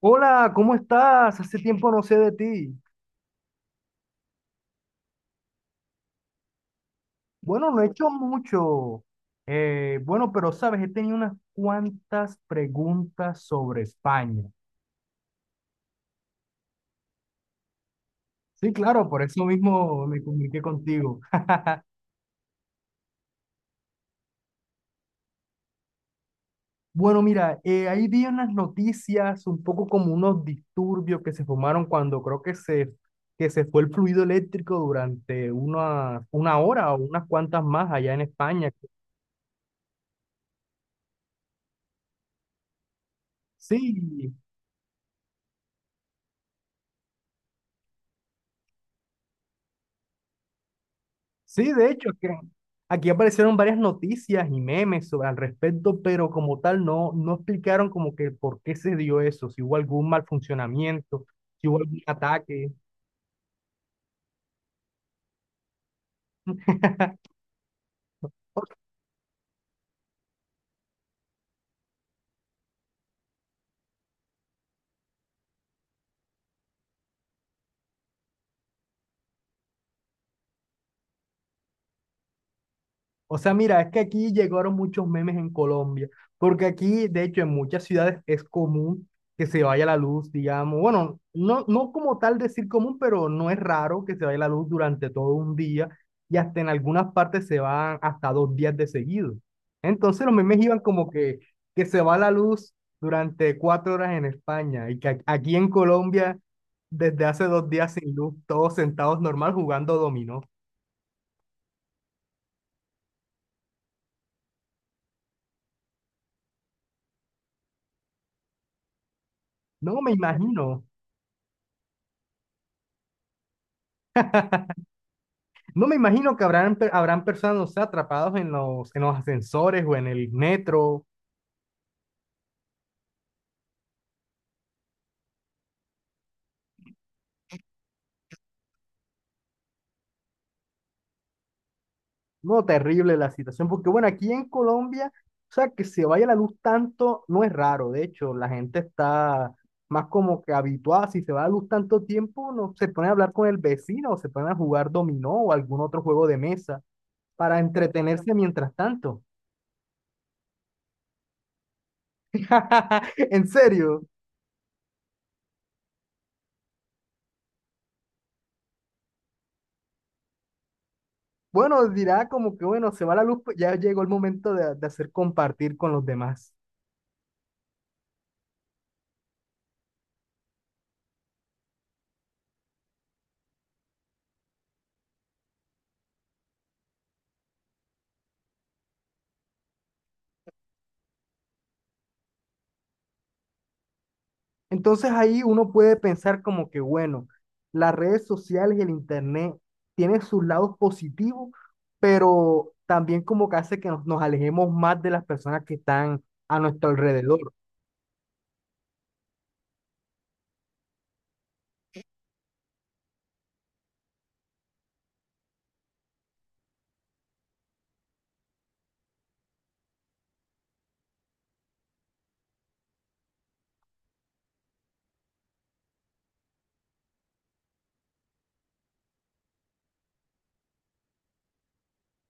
Hola, ¿cómo estás? Hace tiempo no sé de ti. Bueno, no he hecho mucho. Bueno, pero sabes, he tenido unas cuantas preguntas sobre España. Sí, claro, por eso mismo me comuniqué contigo. Bueno, mira, ahí vi unas noticias, un poco como unos disturbios que se formaron cuando creo que se fue el fluido eléctrico durante una hora o unas cuantas más allá en España. Sí, sí, de hecho, que aquí aparecieron varias noticias y memes sobre al respecto, pero como tal no, no explicaron como que por qué se dio eso, si hubo algún mal funcionamiento, si hubo algún ataque. O sea, mira, es que aquí llegaron muchos memes en Colombia, porque aquí, de hecho, en muchas ciudades es común que se vaya la luz, digamos, bueno, no, no como tal decir común, pero no es raro que se vaya la luz durante todo un día y hasta en algunas partes se van hasta 2 días de seguido. Entonces los memes iban como que se va la luz durante 4 horas en España y que aquí en Colombia, desde hace 2 días sin luz, todos sentados normal jugando dominó. No me imagino. No me imagino que habrán, habrán personas, no sé, atrapados en los ascensores o en el metro. No, terrible la situación, porque bueno, aquí en Colombia, o sea, que se vaya la luz tanto no es raro. De hecho, la gente está más como que habituada. Si se va la luz tanto tiempo, no se pone a hablar con el vecino o se pone a jugar dominó o algún otro juego de mesa para entretenerse mientras tanto. En serio. Bueno, dirá como que bueno, se va la luz, pues ya llegó el momento de hacer compartir con los demás. Entonces ahí uno puede pensar como que, bueno, las redes sociales y el internet tienen sus lados positivos, pero también como que hace que nos alejemos más de las personas que están a nuestro alrededor.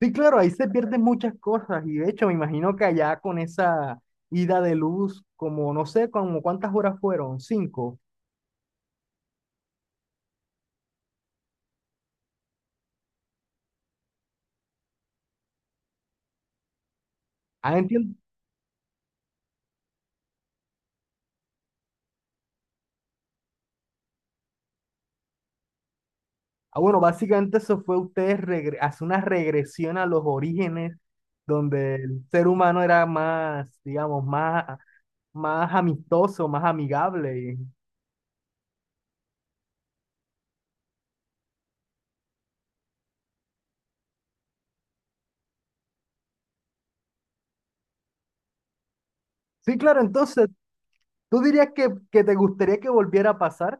Sí, claro, ahí se pierden muchas cosas y de hecho me imagino que allá con esa ida de luz, como no sé, como cuántas horas fueron, 5. Ah, entiendo. Ah, bueno, básicamente eso fue ustedes hacer una regresión a los orígenes donde el ser humano era más, digamos, más amistoso, más amigable. Sí, claro, entonces, ¿tú dirías que te gustaría que volviera a pasar?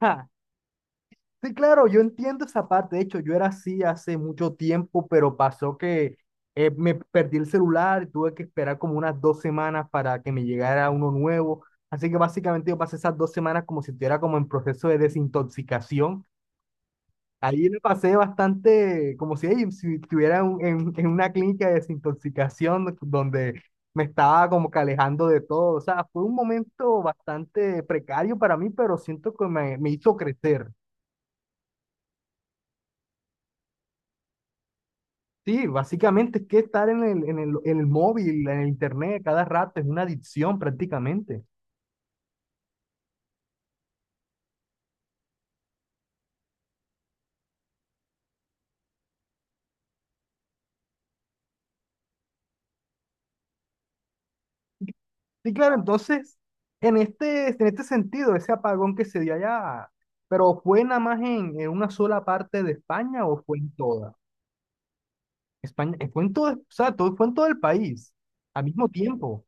Ja, sí, claro, yo entiendo esa parte. De hecho, yo era así hace mucho tiempo, pero pasó que me perdí el celular y tuve que esperar como unas 2 semanas para que me llegara uno nuevo. Así que básicamente yo pasé esas 2 semanas como si estuviera como en proceso de desintoxicación. Ahí me pasé bastante, como si, ey, si estuviera en una clínica de desintoxicación donde me estaba como que alejando de todo. O sea, fue un momento bastante precario para mí, pero siento que me hizo crecer. Sí, básicamente es que estar en el móvil, en el internet cada rato es una adicción prácticamente. Sí, claro, entonces, en este sentido, ese apagón que se dio allá, ¿pero fue nada más en una sola parte de España o fue en toda? España, fue en todo, o sea, todo, fue en todo el país, al mismo tiempo.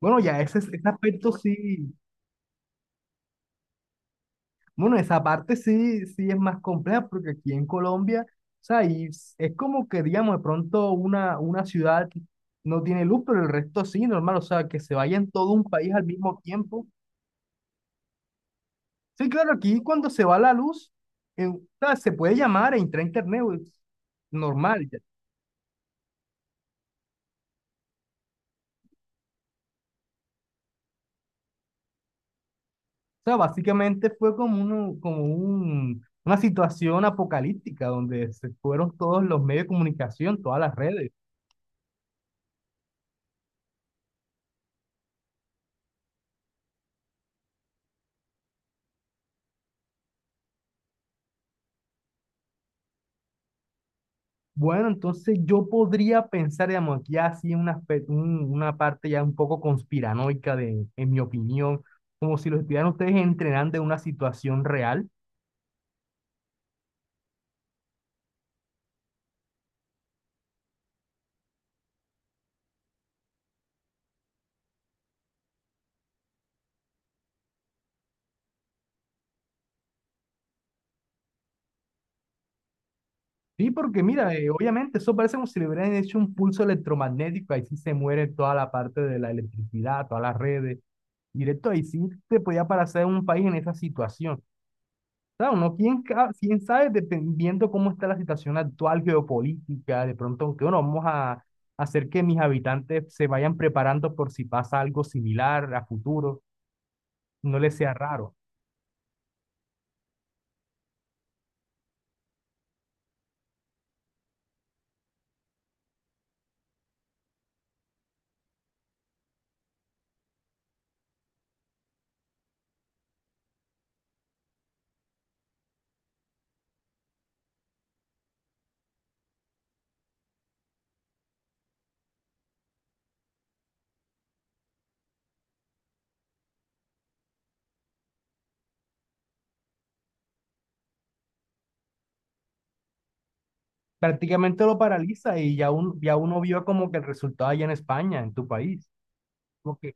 Bueno, ya ese aspecto sí, bueno, esa parte sí, sí es más compleja, porque aquí en Colombia, o sea, y es como que, digamos, de pronto una ciudad no tiene luz, pero el resto sí, normal, o sea, que se vaya en todo un país al mismo tiempo. Sí, claro, aquí cuando se va la luz, o sea, se puede llamar e entrar a internet, es normal. Sea, básicamente fue como, como una situación apocalíptica donde se fueron todos los medios de comunicación, todas las redes. Bueno, entonces yo podría pensar, digamos, aquí así un una parte ya un poco conspiranoica de, en mi opinión, como si los estuvieran ustedes entrenando en una situación real. Sí, porque mira, obviamente eso parece como si le hubieran hecho un pulso electromagnético, ahí sí se muere toda la parte de la electricidad, todas las redes, directo ahí sí te podía parecer un país en esa situación. Claro, no, quién, quién sabe, dependiendo cómo está la situación actual geopolítica, de pronto, aunque bueno, vamos a hacer que mis habitantes se vayan preparando por si pasa algo similar a futuro, no les sea raro. Prácticamente lo paraliza y ya, ya uno vio como que el resultado allá en España, en tu país. Como que,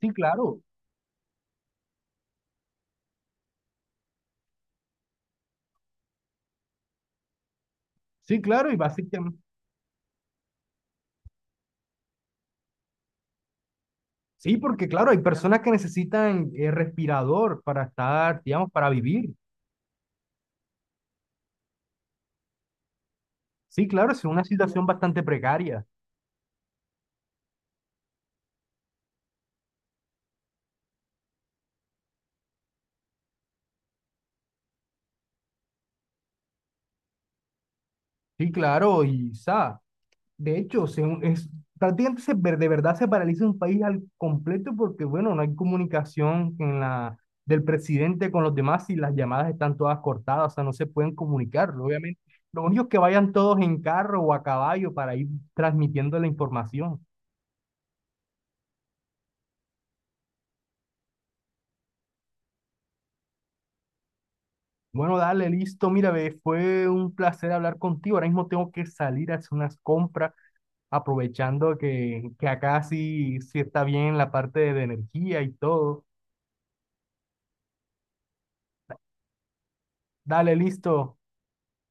sí, claro, sí, claro, y básicamente, sí, porque claro, hay personas que necesitan respirador para estar, digamos, para vivir. Sí, claro, es una situación bastante precaria. Sí, claro, y sa. De hecho, prácticamente de verdad se paraliza un país al completo porque, bueno, no hay comunicación en la, del presidente con los demás y las llamadas están todas cortadas, o sea, no se pueden comunicar, obviamente. Lo único es que vayan todos en carro o a caballo para ir transmitiendo la información. Bueno, dale, listo. Mira, ve, fue un placer hablar contigo. Ahora mismo tengo que salir a hacer unas compras, aprovechando que acá sí, sí está bien la parte de energía y todo. Dale, listo.